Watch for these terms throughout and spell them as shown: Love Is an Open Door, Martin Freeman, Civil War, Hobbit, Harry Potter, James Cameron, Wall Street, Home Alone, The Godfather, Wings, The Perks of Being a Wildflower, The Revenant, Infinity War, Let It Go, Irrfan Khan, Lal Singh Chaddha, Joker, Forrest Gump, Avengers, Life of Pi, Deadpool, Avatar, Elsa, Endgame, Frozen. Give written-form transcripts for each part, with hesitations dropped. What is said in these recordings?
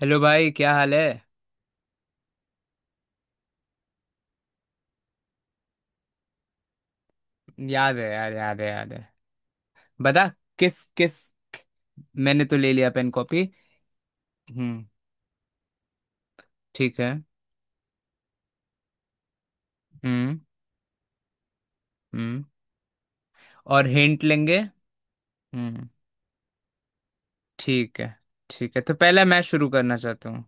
Hello भाई क्या हाल है। याद है यार, याद है याद है। बता किस किस। मैंने तो ले लिया पेन कॉपी। हम्म। ठीक है। हम्म। हम्म और हिंट लेंगे। हम्म। ठीक है। ठीक है तो पहले मैं शुरू करना चाहता हूँ।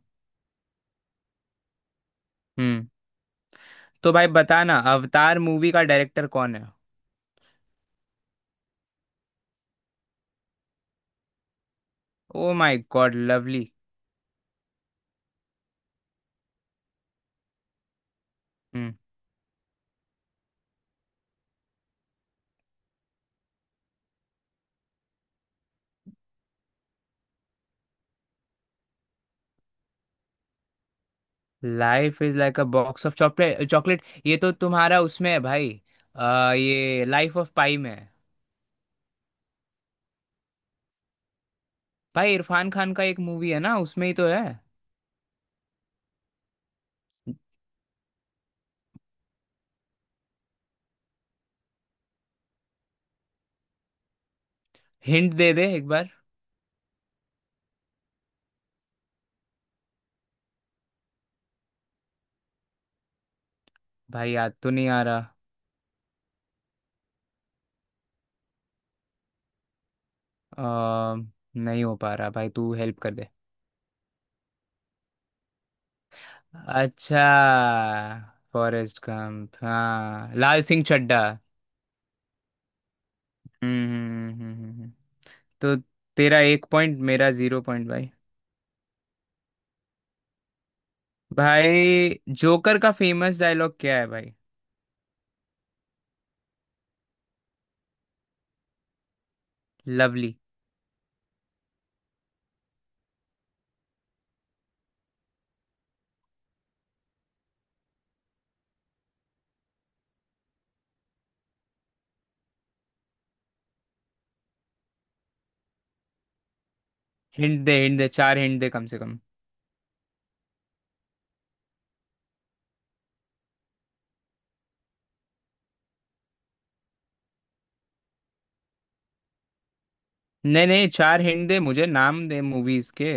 हम्म। तो भाई बताना, अवतार मूवी का डायरेक्टर कौन है। Oh my god lovely. Hmm. Life is like a box of chocolate chocolate, ये तो तुम्हारा उसमें है भाई। ये लाइफ ऑफ पाई में है। भाई इरफान खान का एक मूवी है ना, उसमें ही तो है। हिंट दे दे एक बार। भाई याद तो नहीं आ रहा। आ, नहीं हो पा रहा भाई, तू हेल्प कर दे। अच्छा। फॉरेस्ट गंप, हाँ लाल सिंह चड्ढा। हम्म हम्म, हम्म, हम्म, हम्म। तो तेरा एक पॉइंट, मेरा जीरो पॉइंट भाई। भाई जोकर का फेमस डायलॉग क्या है भाई। लवली। हिंट दे हिंट दे, चार हिंट दे कम से कम। नहीं नहीं, चार हिंट दे, मुझे नाम दे मूवीज के।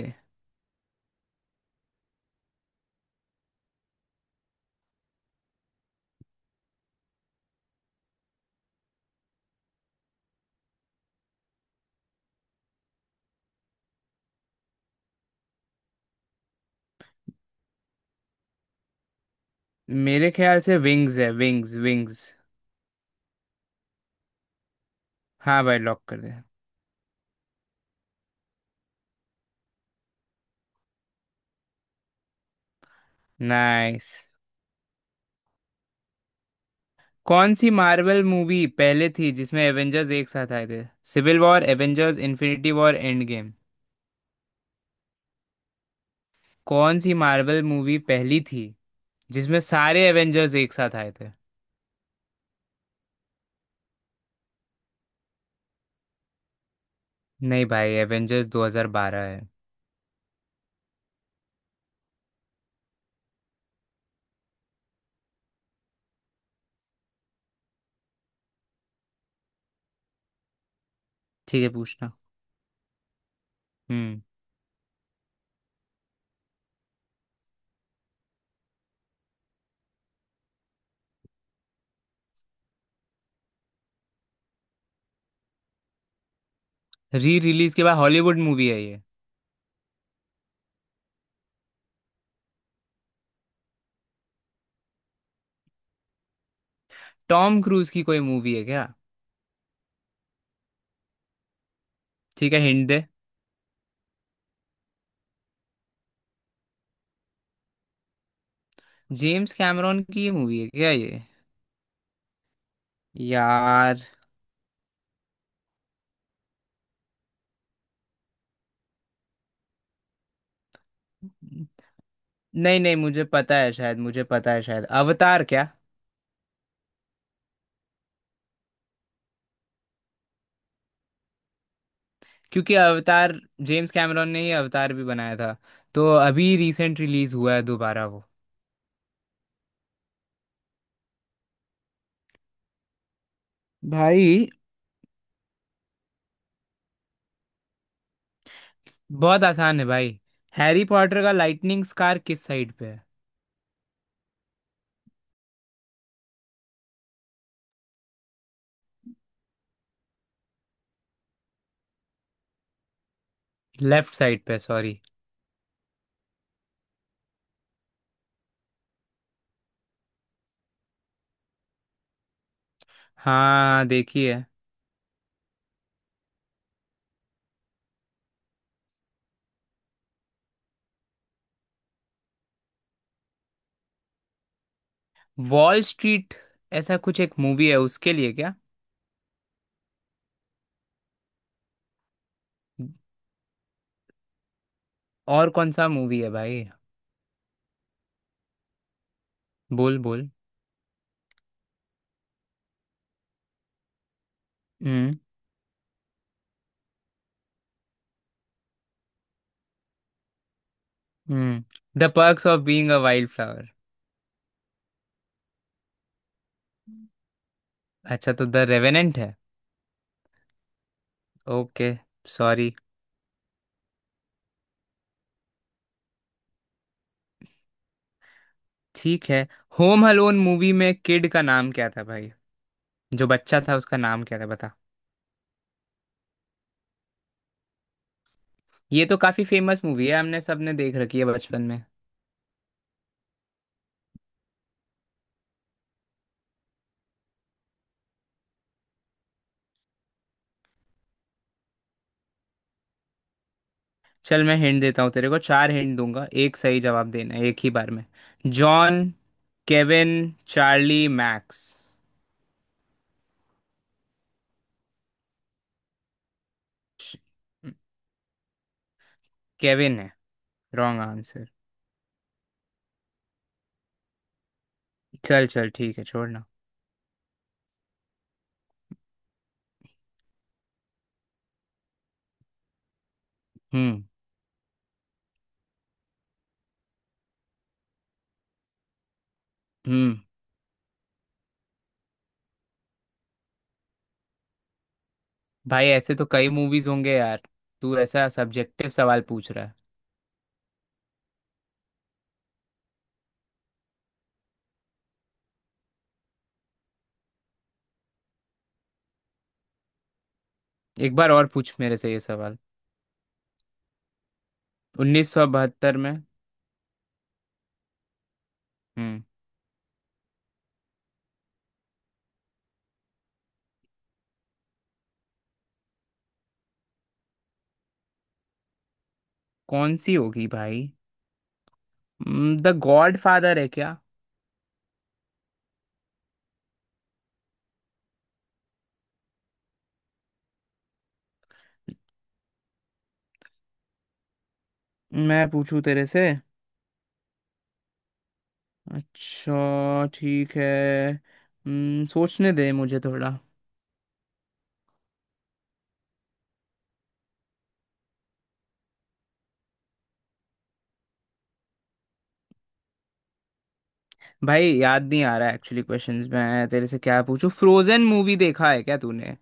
मेरे ख्याल से विंग्स है, विंग्स विंग्स। हाँ भाई लॉक कर दे। नाइस। कौन सी मार्वल मूवी पहले थी जिसमें एवेंजर्स एक साथ आए थे। Civil War, Avengers Infinity War, Endgame. कौन सी मार्वल मूवी पहली थी जिसमें सारे एवेंजर्स एक साथ आए थे। नहीं भाई, एवेंजर्स 2012 है। ठीक है पूछना। हम्म। री रिलीज के बाद हॉलीवुड मूवी है ये। टॉम क्रूज की कोई मूवी है क्या। ठीक है, हिंट दे। जेम्स कैमरॉन की ये मूवी है क्या ये। यार। नहीं नहीं, मुझे पता है शायद, मुझे पता है शायद अवतार क्या। क्योंकि अवतार, जेम्स कैमरॉन ने ही अवतार भी बनाया था। तो अभी रिसेंट रिलीज हुआ है दोबारा वो। भाई, बहुत आसान है भाई। हैरी पॉटर का लाइटनिंग स्कार किस साइड पे है। लेफ्ट साइड पे, सॉरी। हाँ देखिए। वॉल स्ट्रीट, ऐसा कुछ एक मूवी है उसके लिए क्या। और कौन सा मूवी है भाई। बोल बोल। हम्म। हम्म। The perks of being a wild flower. अच्छा, तो द रेवेनेंट है। ओके। सॉरी। ठीक है। होम अलोन मूवी में किड का नाम क्या था भाई। जो बच्चा था उसका नाम क्या था बता। ये तो काफी फेमस मूवी है, हमने सबने देख रखी है बचपन में। चल मैं हिंट देता हूँ तेरे को, चार हिंट दूंगा, एक सही जवाब देना है एक ही बार में। John, Kevin, Charlie, Max. श- केविन है। Wrong answer. चल चल ठीक है, छोड़ना। हम्म। हम्म। भाई ऐसे तो कई मूवीज होंगे यार, तू ऐसा सब्जेक्टिव सवाल पूछ रहा है। एक बार और पूछ मेरे से ये सवाल। 1972 में। हम्म। कौन सी होगी भाई। द गॉड फादर है क्या। मैं पूछूं तेरे से। अच्छा ठीक है। सोचने दे मुझे थोड़ा। भाई याद नहीं आ रहा एक्चुअली क्वेश्चंस, मैं तेरे से क्या पूछूं। फ्रोजन मूवी देखा है क्या तूने।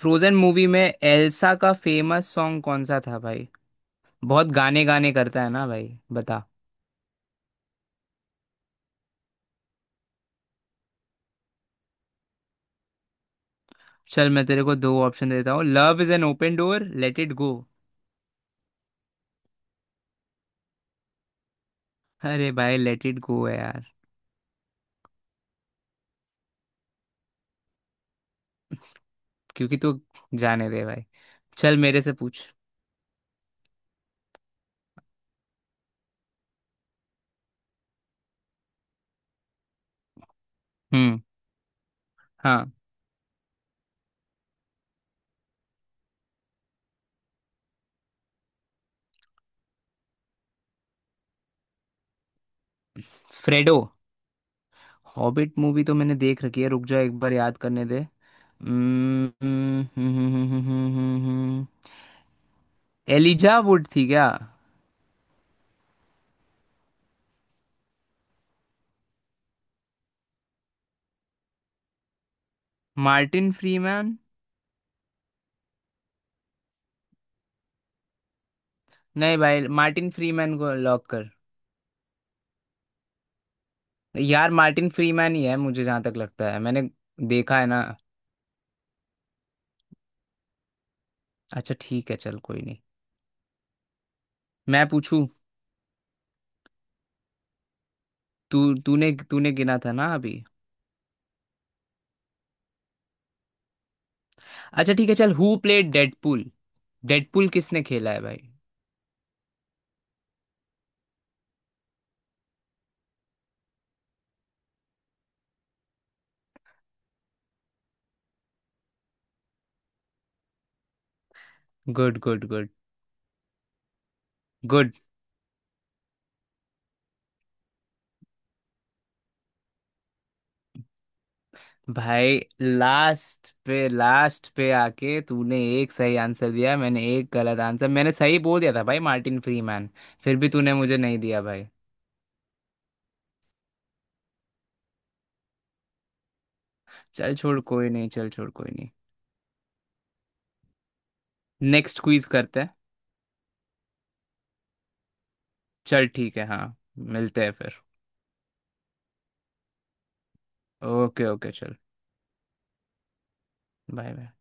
फ्रोजन मूवी में एल्सा का फेमस सॉन्ग कौन सा था भाई। बहुत गाने गाने करता है ना भाई। बता। चल मैं तेरे को दो ऑप्शन देता हूँ, love is an open door, let it go. अरे भाई लेट इट गो है यार। क्योंकि तू, जाने दे भाई। चल मेरे से पूछ। हम्म। हाँ। फ्रेडो। हॉबिट मूवी तो मैंने देख रखी है, रुक जा एक बार याद करने दे। एलिजा वुड थी क्या। Martin Freeman. नहीं भाई, मार्टिन फ्रीमैन को लॉक कर। यार मार्टिन फ्रीमैन ही है मुझे जहाँ तक लगता है, मैंने देखा है ना। अच्छा ठीक है चल, कोई नहीं। मैं पूछूं। तू तूने तूने गिना था ना अभी। अच्छा ठीक है। चल, हु प्लेड डेडपूल। डेडपूल किसने खेला है भाई। Good good good. गुड। भाई लास्ट पे, लास्ट पे आके तूने एक सही आंसर दिया, मैंने एक गलत आंसर, मैंने सही बोल दिया था भाई मार्टिन फ्रीमैन। फिर भी तूने मुझे नहीं दिया भाई। चल छोड़ कोई नहीं, चल छोड़ कोई नहीं। नेक्स्ट क्विज करते हैं। चल ठीक है, हाँ मिलते हैं फिर। ओके ओके चल। Bye bye.